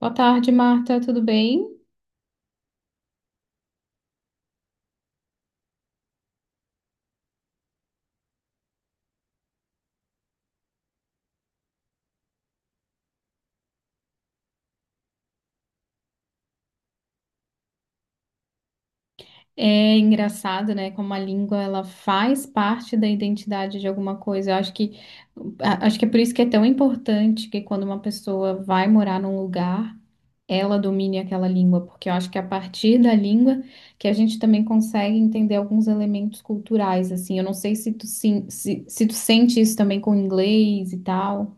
Boa tarde, Marta. Tudo bem? É engraçado, né? Como a língua ela faz parte da identidade de alguma coisa. Eu acho que é por isso que é tão importante que quando uma pessoa vai morar num lugar, ela domine aquela língua, porque eu acho que é a partir da língua que a gente também consegue entender alguns elementos culturais, assim. Eu não sei se tu, sim, se tu sente isso também com o inglês e tal.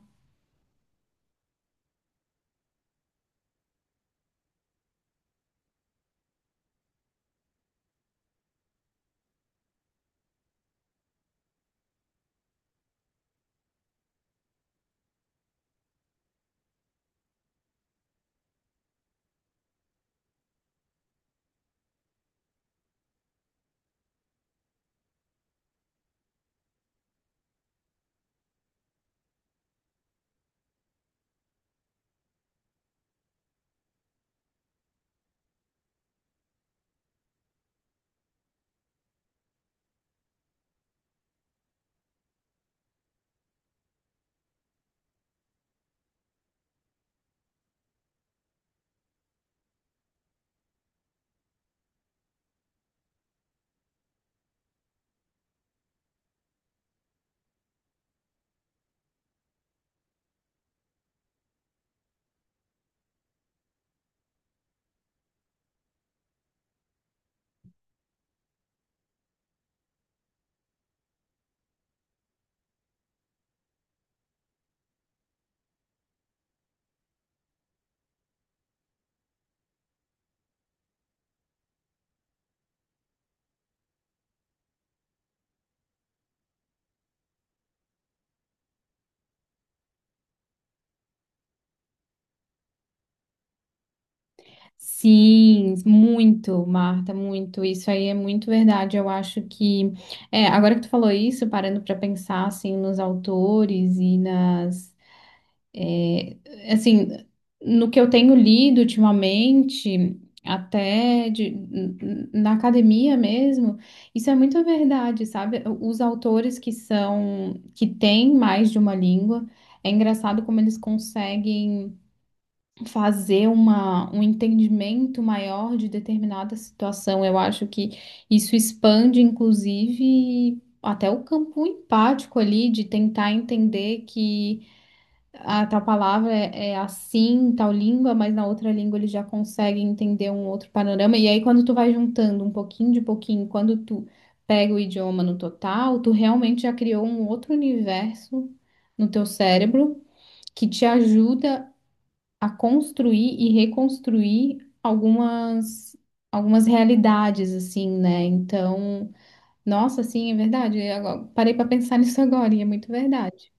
Sim, muito, Marta, muito. Isso aí é muito verdade. Eu acho que, agora que tu falou isso, parando para pensar assim nos autores e nas, assim, no que eu tenho lido ultimamente, até na academia mesmo, isso é muito verdade, sabe? Os autores que são, que têm mais de uma língua, é engraçado como eles conseguem fazer um entendimento maior de determinada situação. Eu acho que isso expande, inclusive, até o campo empático ali, de tentar entender que a tal palavra é, assim, em tal língua, mas na outra língua ele já consegue entender um outro panorama. E aí, quando tu vai juntando um pouquinho de pouquinho, quando tu pega o idioma no total, tu realmente já criou um outro universo no teu cérebro que te ajuda a construir e reconstruir algumas realidades assim, né? Então, nossa, sim, é verdade. Eu parei para pensar nisso agora e é muito verdade.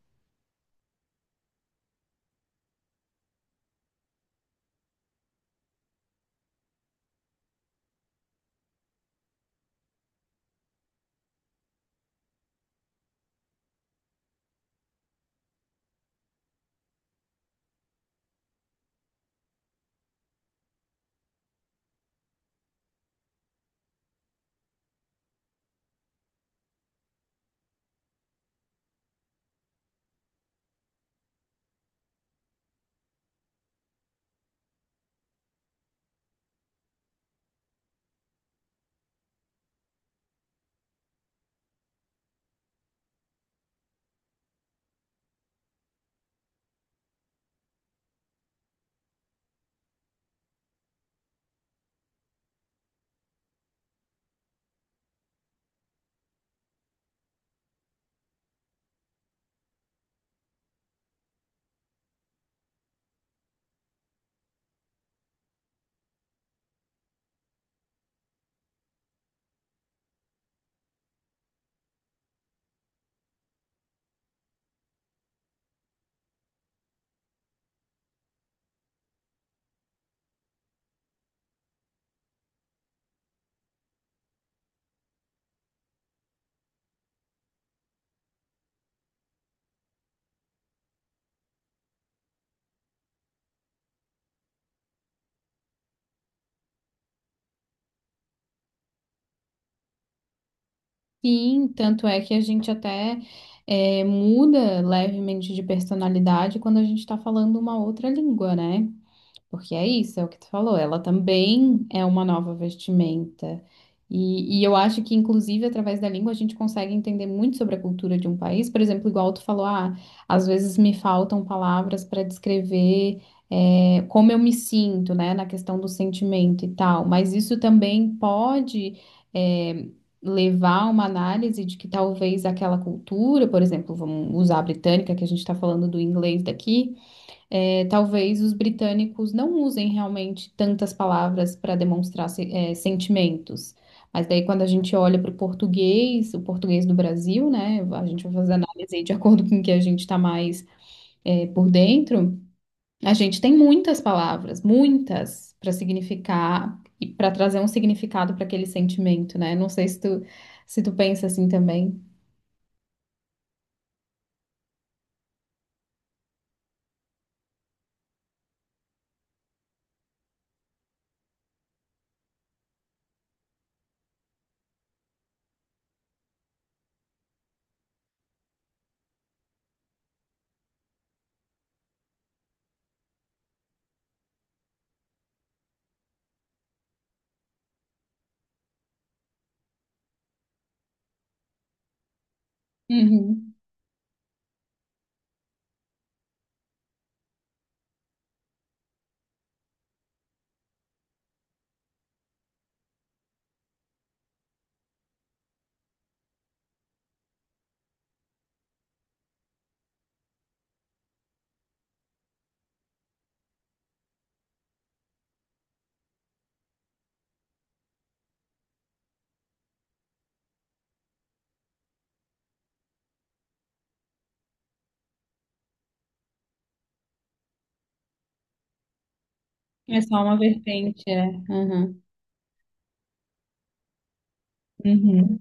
Sim, tanto é que a gente até muda levemente de personalidade quando a gente está falando uma outra língua, né? Porque é isso, é o que tu falou. Ela também é uma nova vestimenta. E eu acho que, inclusive, através da língua, a gente consegue entender muito sobre a cultura de um país. Por exemplo, igual tu falou, ah, às vezes me faltam palavras para descrever, como eu me sinto, né, na questão do sentimento e tal. Mas isso também pode, é, levar a uma análise de que talvez aquela cultura, por exemplo, vamos usar a britânica, que a gente está falando do inglês daqui. É, talvez os britânicos não usem realmente tantas palavras para demonstrar sentimentos. Mas daí, quando a gente olha para o português do Brasil, né? A gente vai fazer análise aí de acordo com o que a gente está mais por dentro. A gente tem muitas palavras, muitas, para significar e para trazer um significado para aquele sentimento, né? Não sei se tu pensa assim também. Uhum. É só uma vertente, é. Uhum. Uhum.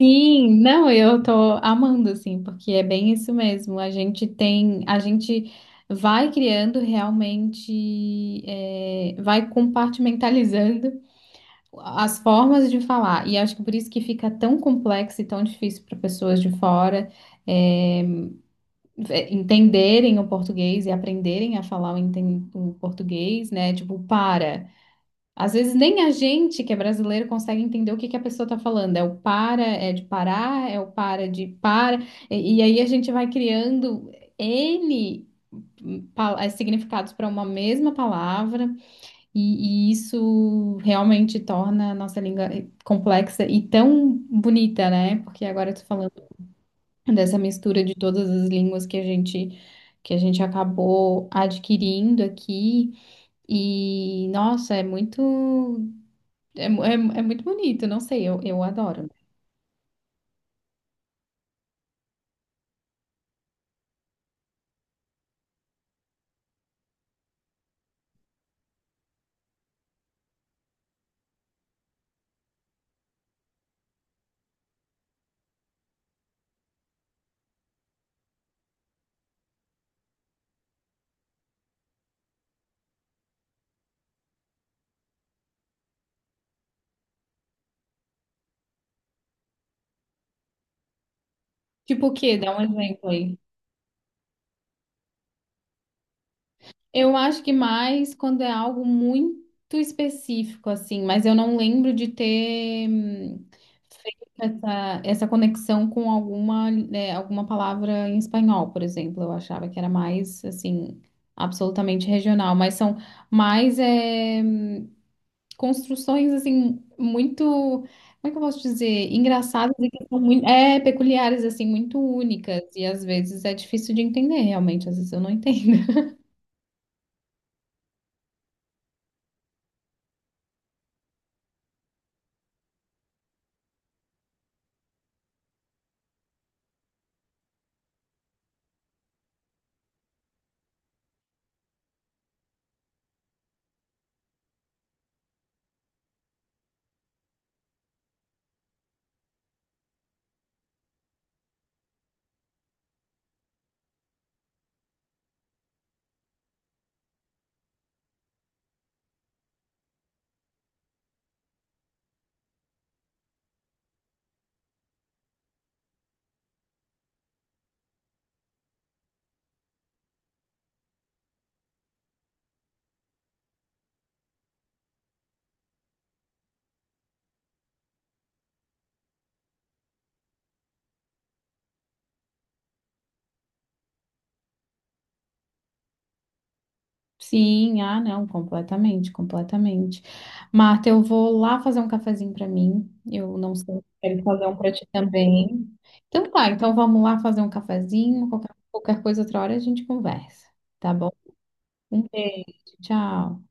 Sim, não, eu tô amando, assim, porque é bem isso mesmo. A gente vai criando realmente, vai compartimentalizando as formas de falar. E acho que por isso que fica tão complexo e tão difícil para pessoas de fora, é, entenderem o português e aprenderem a falar o português, né? Tipo, para. Às vezes nem a gente que é brasileiro consegue entender o que que a pessoa está falando. É o para, é de parar, é o para de para. E aí a gente vai criando N significados para uma mesma palavra, e isso realmente torna a nossa língua complexa e tão bonita, né? Porque agora eu tô falando dessa mistura de todas as línguas que a gente acabou adquirindo aqui. E, nossa, é muito. É muito bonito, não sei, eu adoro. Né? Tipo o quê? Dá um exemplo aí. Eu acho que mais quando é algo muito específico, assim, mas eu não lembro de ter feito essa conexão com alguma, né, alguma palavra em espanhol, por exemplo. Eu achava que era mais, assim, absolutamente regional, mas são mais, construções assim muito, como é que eu posso dizer, engraçadas e que são muito, peculiares assim, muito únicas e às vezes é difícil de entender realmente, às vezes eu não entendo. Sim, ah, não, completamente, completamente. Marta, eu vou lá fazer um cafezinho para mim. Eu não sei se quero fazer um para ti também. Então tá, então vamos lá fazer um cafezinho, qualquer coisa outra hora a gente conversa, tá bom? Um beijo, tchau.